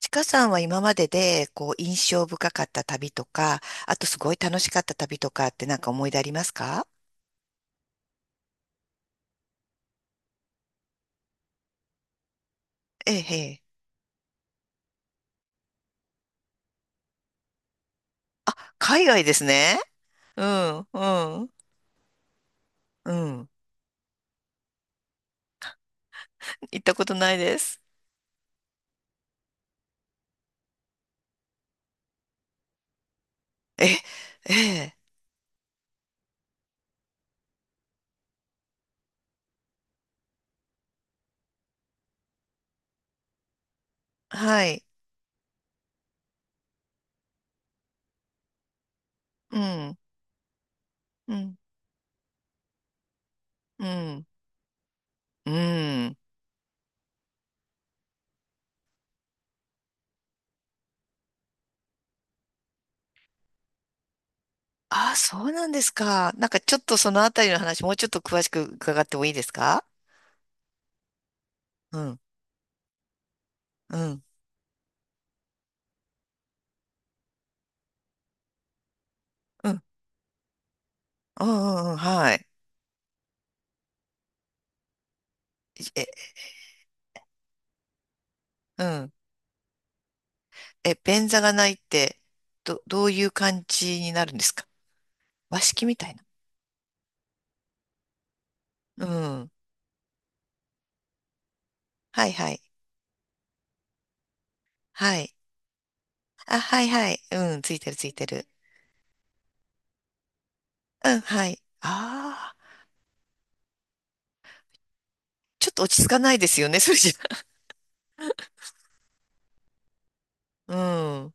ちかさんは今までで、印象深かった旅とか、あとすごい楽しかった旅とかって思い出ありますか？ええ、ええ。海外ですね。うん、うん、うん。行ったことないです。え、ええ、はい。うん、うん、うん、うん。ああ、そうなんですか。なんかちょっとそのあたりの話、もうちょっと詳しく伺ってもいいですか？うん、うん、うん、うん、うん、うんはい。え、うん。え、便座がないって、どういう感じになるんですか？和式みたいな。うん。はいはい。はい。あ、はいはい。うん、ついてるついてる。うん、はい。ああ、ちょっと落ち着かないですよね、それじゃ。うん、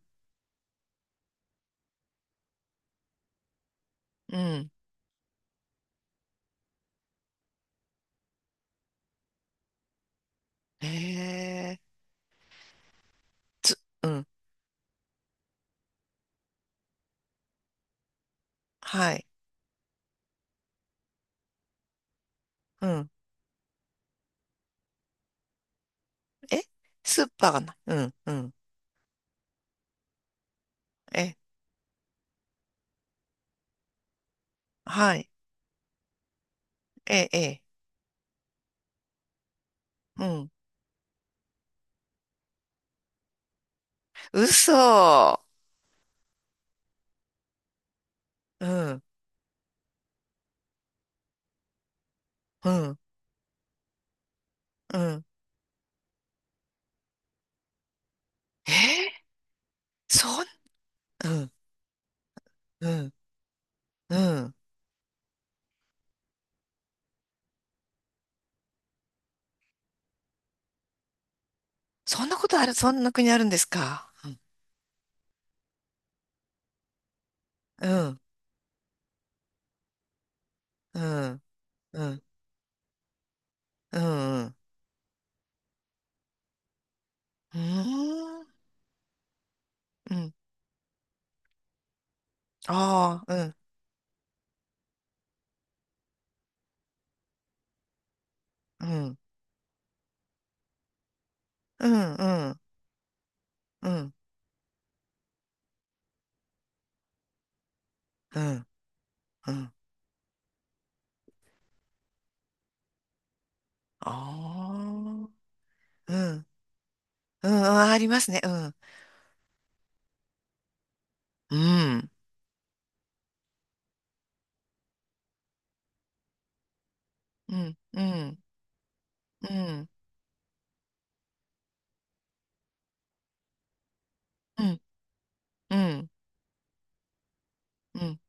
うん。へえ、うん、はい。うん。え、スーパーがない。うん、うん。え、はい。え、え、うん。嘘。うん、うん、うん。えー、そん、うん、うん、うん。そんなことある、そんな国あるんですか。うん、うん、うん、うん、うん。うーん、うん。ああ、うん、うん、うん、うん、うん、うん、うん。ああ、うん、うん、ありますね。うん、うん、うん、うん、うん、うん、うん、うん、うん、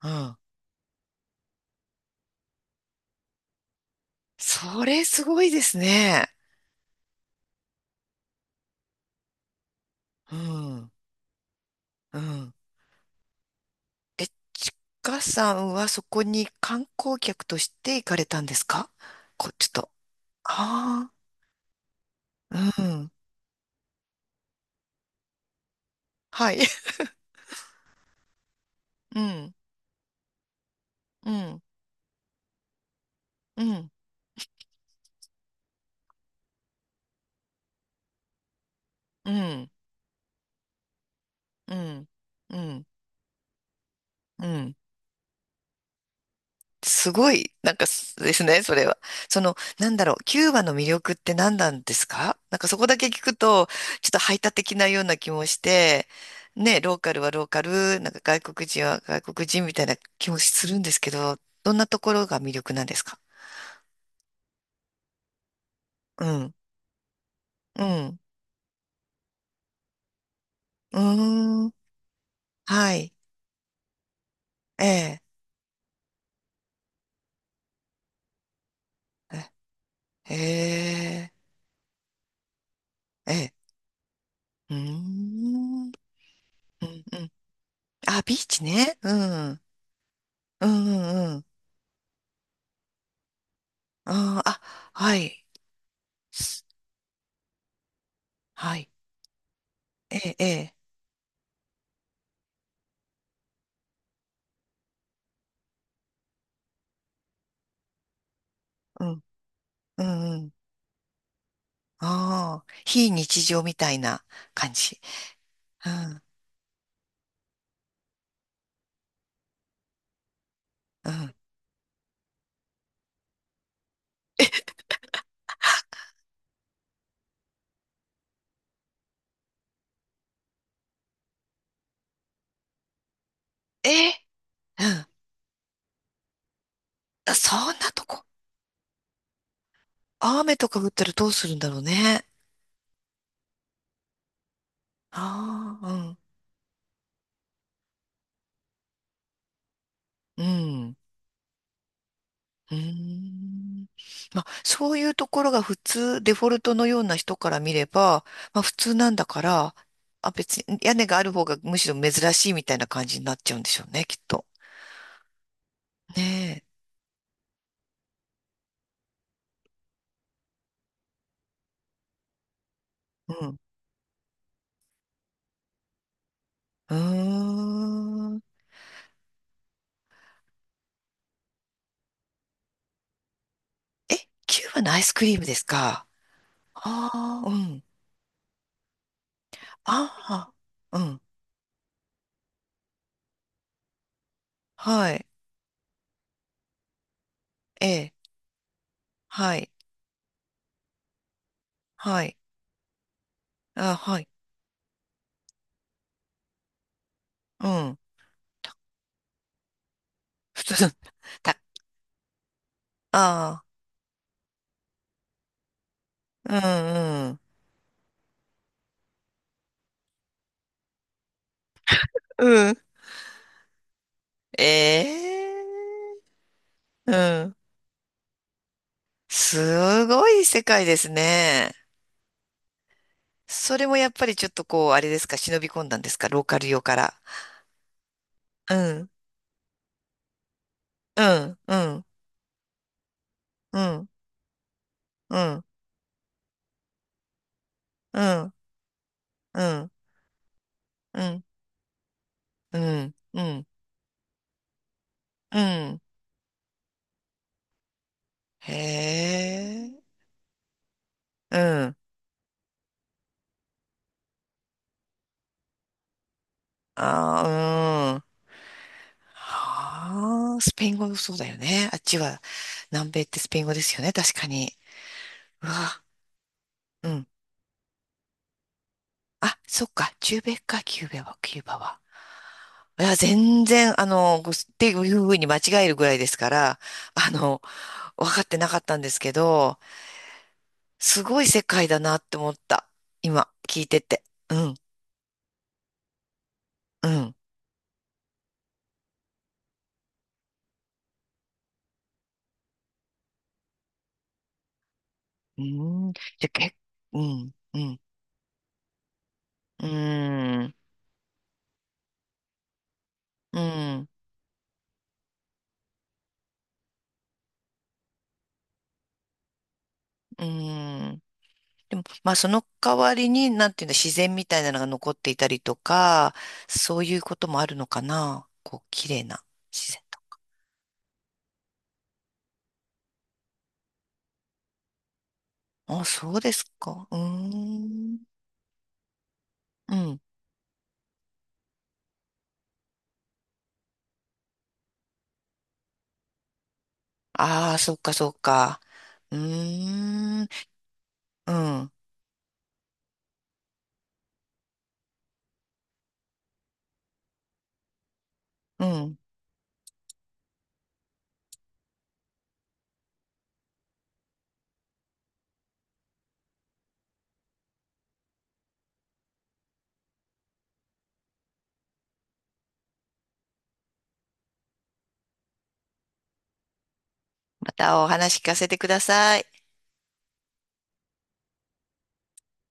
うん。それすごいですね。うん、うん。え、ちかさんはそこに観光客として行かれたんですか？こ、ちょっと。ああ、うん。はい。うん、うん、うん、うん、うん、うん、うん。すごい、なんかすですね、それは。その、なんだろう、キューバの魅力って何なんですか？なんかそこだけ聞くと、ちょっと排他的なような気もして、ね、ローカルはローカル、なんか外国人は外国人みたいな気もするんですけど、どんなところが魅力なんですか？うん、うん、うーん、はい、ええ、ええ、ええ。え、うーん。うんうん。あ、ビーチね。うん。うんうんうん。あー、あ、はい。すはい。ええ、ええ。うん。うんうん。ああ、非日常みたいな感じ。うん。うん。ええ、うん。あ、そんなとこ。雨とか降ったらどうするんだろうね。ああ、うん。うん。へん。まあ、そういうところが普通、デフォルトのような人から見れば、まあ普通なんだから、あ、別に屋根がある方がむしろ珍しいみたいな感じになっちゃうんでしょうね、きっと。ねえ。うん。うーん。え、キューバのアイスクリームですか？ああー、うん。ああ、うん。はい。ええ。はい。はい。あ、はい。うん。普通だた。ああ、うん、うん。うん。ええ、うん。すごい世界ですね。それもやっぱりちょっとこう、あれですか、忍び込んだんですか、ローカル用から。うん、うん、うん、うん、うん、うん、うん、うん、うん、うん、うん。へえ、うん、あー、うん。はあ、スペイン語そうだよね。あっちは、南米ってスペイン語ですよね、確かに。うわ、うん。あ、そっか、中米か、キューバは、キューバは。いや、全然、ごっていうふうに間違えるぐらいですから、あの、分かってなかったんですけど、すごい世界だなって思った。今、聞いてて。うん、うん、うん。じゃ、け、うん、うん、うん、うん、うん。でも、まあ、その代わりに、なんていうの、自然みたいなのが残っていたりとか、そういうこともあるのかな。こう、綺麗な自然と。あ、そうですか。うーん、うん。ああ、そっかそっか。うーん、うん、うん。またお話聞かせてください。